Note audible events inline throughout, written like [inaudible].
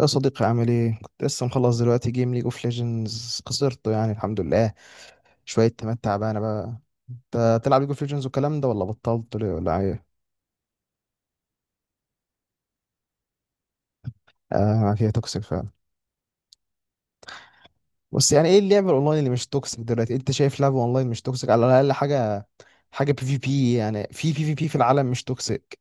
يا صديقي عامل ايه؟ كنت لسه مخلص دلوقتي جيم، ليج اوف ليجندز خسرته، يعني الحمد لله. شوية تمات تعبانة بقى. انت تلعب ليج اوف ليجندز والكلام ده، ولا بطلت ليه ولا ايه؟ اه، فيها توكسيك فعلا. بس يعني ايه اللعبة الاونلاين اللي مش توكسيك دلوقتي؟ انت شايف لعبة اونلاين مش توكسيك على الاقل حاجة بي في بي، يعني في بي في بي في العالم مش توكسيك.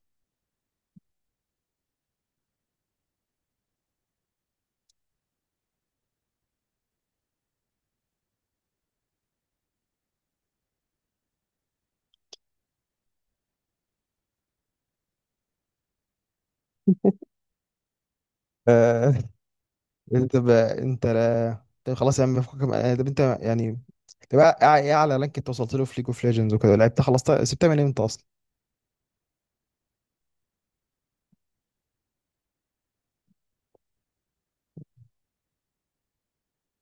آه. [laughs] انت بقى انت، لا طب خلاص يا عم، فكك من- آه، طب انت يعني تبقى ايه اعلى، لانك انت وصلت له في ليج اوف ليجندز وكده، لعبت خلصت. سبتها من امتى اصلا؟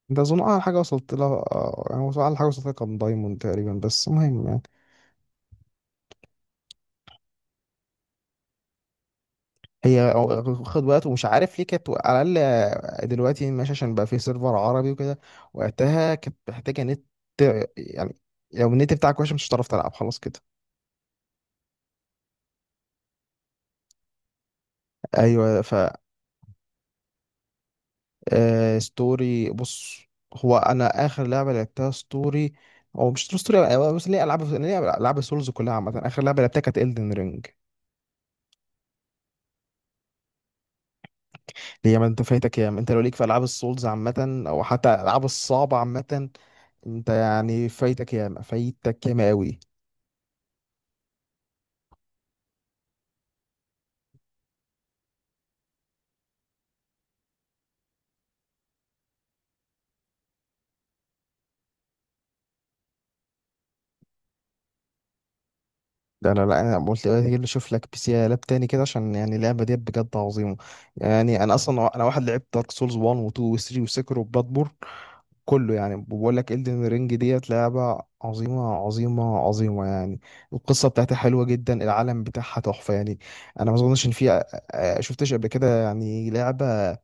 ده اظن اعلى حاجه وصلت لها. اعلى حاجه وصلت لها كان دايموند تقريبا، بس المهم يعني. خد وقت ومش عارف ليه، كانت على الاقل. دلوقتي ماشي عشان بقى في سيرفر عربي وكده. وقتها كانت محتاجه نت يعني، لو النت بتاعك وحش مش هتعرف تلعب خلاص كده. ايوه، ف. ستوري بص، هو انا اخر لعبه لعبتها ستوري. هو مش ستوري أوي، بس ليه العاب سولز كلها عامه، اخر لعبه لعبتها كانت Elden Ring. هي ما انت فايتك ياما، انت لو ليك في العاب السولز عامه او حتى العاب الصعبه عامه. انت يعني فايتك ياما فايتك ياما قوي. ده انا، لا انا قلت ايه اللي اشوف لك بي سي لاب تاني كده، عشان يعني اللعبه دي بجد عظيمه. يعني انا اصلا، انا واحد لعبت دارك سولز 1 و2 و3 وسكر وبلاتبورن، كله. يعني بقول لك الدن رينج ديت لعبه عظيمه عظيمه عظيمه يعني. القصه بتاعتها حلوه جدا، العالم بتاعها تحفه يعني. انا ما اظنش ان في شفتش قبل كده يعني لعبه.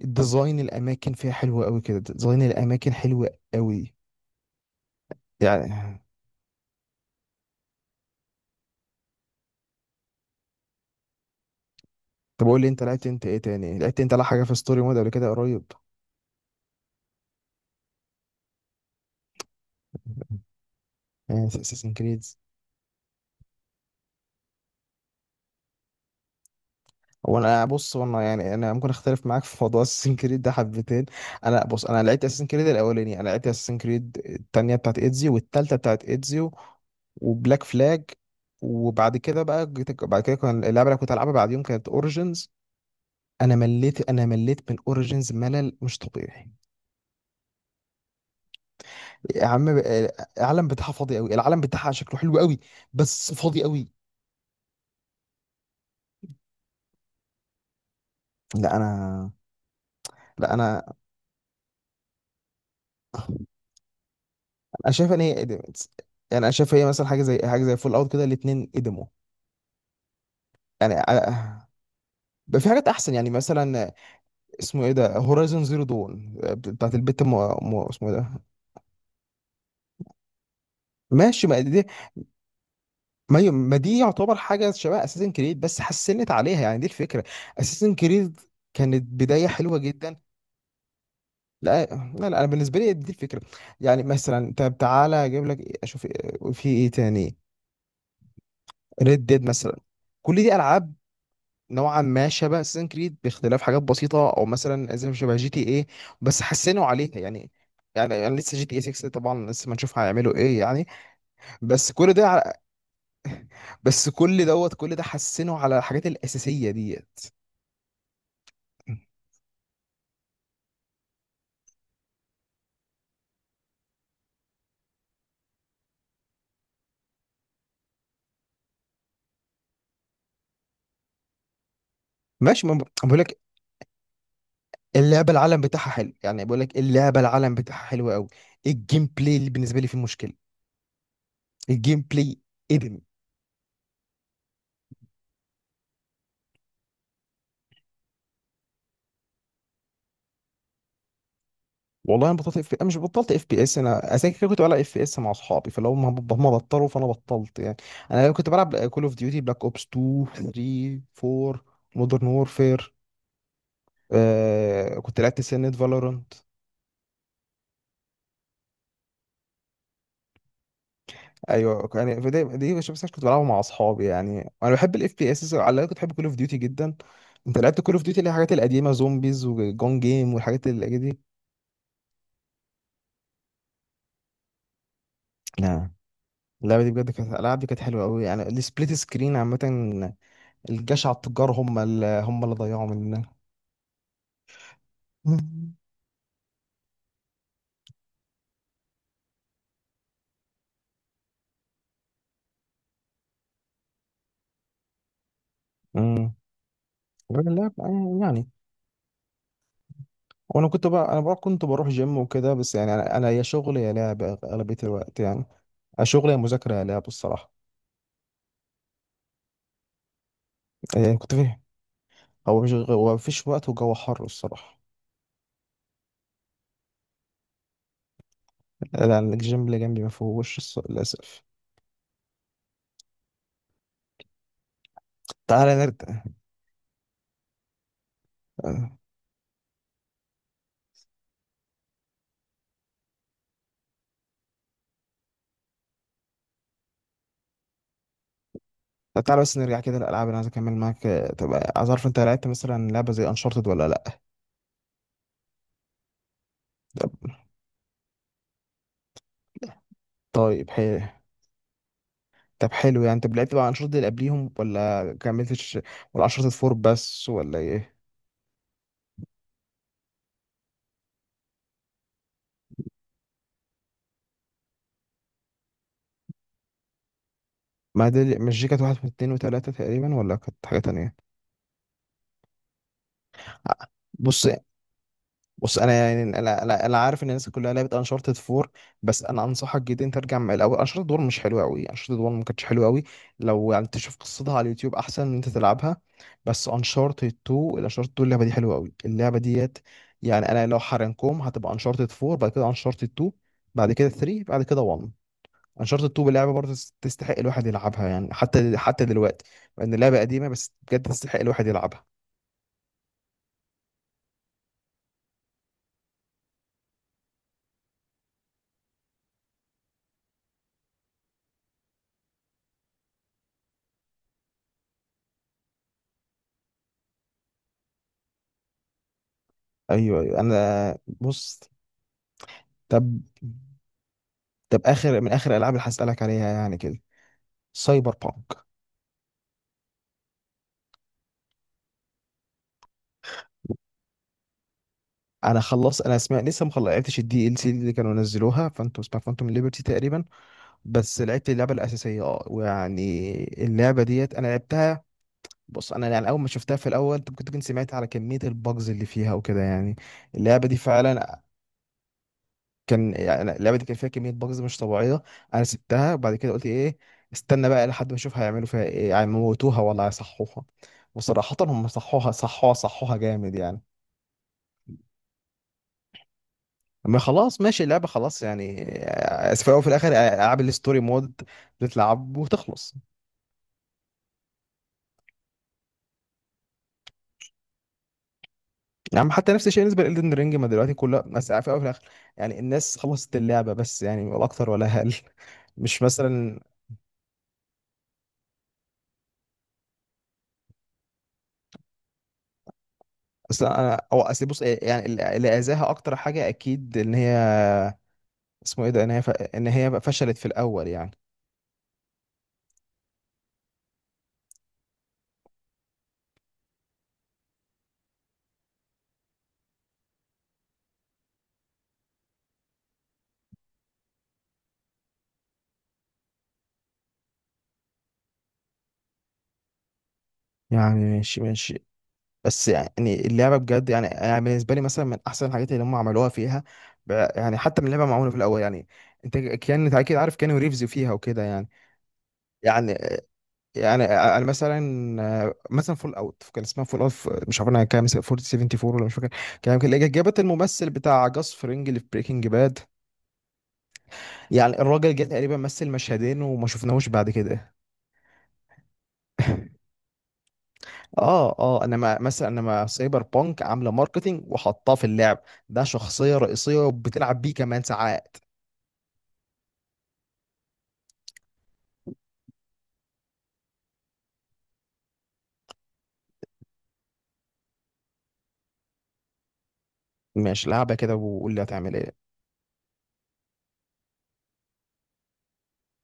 ديزاين الاماكن فيها حلو قوي كده، ديزاين الاماكن حلو قوي يعني. طب قول لي انت لعبت انت ايه تاني لعبت انت لا حاجه في ستوري مود قبل كده قريب؟ يعني؟ اساسن كريدز. هو انا بص، هو انا يعني انا ممكن اختلف معاك في موضوع [laughs] اساسن كريد ده حبتين. انا بص، انا لعبت اساسن كريد الاولاني، انا لعبت اساسن كريد التانية بتاعت ايدزيو والتالتة بتاعت ايدزيو وبلاك فلاج. وبعد كده بقى بعد كده كان اللعبه اللي كنت العبها بعد يوم كانت اوريجينز. انا مليت من اوريجينز ملل مش طبيعي. يا عم، العالم بتاعها فاضي قوي، العالم بتاعها شكله حلو قوي، بس فاضي قوي. لا انا، لا انا شايف ان هي قدمت. يعني انا شايف هي مثلا حاجه زي فول اوت كده، الاثنين قدموا يعني. بقى في حاجات احسن يعني، مثلا اسمه ايه ده، هورايزون زيرو دون بتاعت اسمه ايه ده. ماشي ما دي يعتبر حاجه شبه اساسن كريد بس حسنت عليها يعني، دي الفكره. اساسن كريد كانت بدايه حلوه جدا. لا لا لا، انا بالنسبه لي دي الفكره. يعني مثلا، طب تعالى اجيب لك في ايه تاني؟ ريد ديد مثلا، كل دي العاب نوعا ما شبه اساسن كريد باختلاف حاجات بسيطه، او مثلا زي شبه جي تي ايه، بس حسنوا عليها يعني. يعني انا لسه جي تي اي 6 طبعا، لسه ما نشوف هيعملوا ايه يعني. بس كل ده على- بس كل دوت كل ده حسنوا على الحاجات الاساسيه ديت. ماشي ما، بقول لك اللعبه العالم بتاعها حلو، يعني بقول لك اللعبه العالم بتاعها حلو قوي. الجيم بلاي اللي بالنسبه لي فيه مشكله، الجيم بلاي ادم. والله انا بطلت اف، انا مش بطلت اف بي اس، انا اساسا كده كنت بلعب اف بي اس مع اصحابي، فلو هم بطلوا فانا بطلت يعني. انا كنت بلعب كول اوف ديوتي بلاك اوبس 2 3 4 مودرن وورفير. آه كنت لعبت سنة فالورانت. ايوه يعني فدي دي مش بس كنت بلعبها مع اصحابي، يعني انا بحب الاف بي اس، على الأقل كنت بحب كول اوف ديوتي جدا. انت لعبت كول اوف ديوتي اللي هي الحاجات القديمه زومبيز وجون جيم والحاجات اللي دي؟ لا، اللعبه دي بجد كانت، اللعبه دي كانت حلوه قوي يعني، السبليت سكرين عامه. الجشع التجار هم اللي ضيعوا مننا. امم لا. يعني وانا كنت بقى انا بقى كنت بروح جيم وكده، بس يعني انا يا شغل يا لعب اغلبيه الوقت يعني، يا شغل يا مذاكره يا لعب الصراحه. يعني كنت فيه. هو مش غ- هو مفيش وقت وجو حر الصراحه. لا، الجيم اللي جنبي ما فيهوش للاسف. تعالى نرجع. آه، تعالى بس نرجع كده للالعاب اللي عايز اكمل معاك. طب عايز اعرف انت لعبت مثلا لعبه زي انشارتد ولا لا؟ طيب حلو. طب حلو، يعني انت لعبت بقى الانشطه دي اللي قبليهم ولا كملتش؟ ولا انشطه فور بس ولا ايه؟ ما دي مش، دي كانت واحد واثنين وثلاثه تقريبا، ولا كانت حاجه تانية؟ بص، بص انا يعني انا أنا عارف ان الناس كلها لعبت انشارتد 4، بس انا انصحك جدا انت ترجع من الاول. انشارتد 1 مش حلوه قوي، انشارتد 1 ما كانتش حلوه قوي. لو يعني تشوف قصتها على اليوتيوب احسن ان انت تلعبها. بس انشارتد 2، الانشارتد 2 اللعبه دي حلوه قوي اللعبه ديت. يعني انا لو حرنكم هتبقى انشارتد 4 بعد كده انشارتد 2 بعد كده 3 بعد كده 1. انشارتد 2 لعبه برضه تستحق الواحد يلعبها، يعني حتى حتى دلوقتي، مع ان اللعبه قديمه بس بجد تستحق الواحد يلعبها. ايوه ايوه انا بص. طب، طب اخر من اخر الالعاب اللي هسالك عليها يعني كده، سايبر بانك. انا خلص، انا اسمع، لسه ما لعبتش الدي ال سي اللي كانوا نزلوها فانتم، اسمها فانتوم ليبرتي تقريبا، بس لعبت اللعبه الاساسيه، اه ويعني اللعبه ديت انا لعبتها. بص انا يعني، اول ما شفتها في الاول انت كنت، كنت سمعت على كميه البجز اللي فيها وكده يعني. اللعبه دي فعلا كان، يعني اللعبه دي كان فيها كميه بجز مش طبيعيه. انا سبتها وبعد كده قلت ايه، استنى بقى لحد ما اشوف هيعملوا فيها ايه، هيموتوها ولا هيصحوها. وصراحه هم صحوها صحوها صحوها جامد يعني. ما خلاص ماشي اللعبه خلاص يعني. اسف، في الاول وفي الاخر العاب الستوري مود بتلعب وتخلص. يعني حتى نفس الشيء بالنسبه لإلدن رينج، ما دلوقتي كلها، بس في الاول في الاخر يعني الناس خلصت اللعبه، بس يعني ولا اكتر ولا اقل. [laughs] مش مثلا. اصل انا او أصل بص، يعني اللي اذاها اكتر حاجه اكيد ان هي، اسمه ايه ده، ان هي بقى فشلت في الاول يعني. يعني ماشي ماشي، بس يعني اللعبه بجد يعني، يعني بالنسبه لي مثلا من احسن الحاجات اللي هم عملوها فيها. يعني حتى من اللعبه معموله في الاول يعني. انت كان انت اكيد عارف كانوا ريفز فيها وكده يعني. يعني، يعني انا مثلا، مثلا فول اوت كان اسمها فول اوت، مش عارف انا كام، 474 ولا مش فاكر. كان يمكن اللي جابت الممثل بتاع جاس فرينج اللي في بريكنج باد. يعني الراجل جه تقريبا مثل مشهدين وما شفناهوش بعد كده. اه اه، انا ما مثلا انا ما، سايبر بانك عامله ماركتينج وحطاه في اللعب، ده شخصيه رئيسيه وبتلعب بيه كمان ساعات. مش لعبه كده وقول لي هتعمل ايه.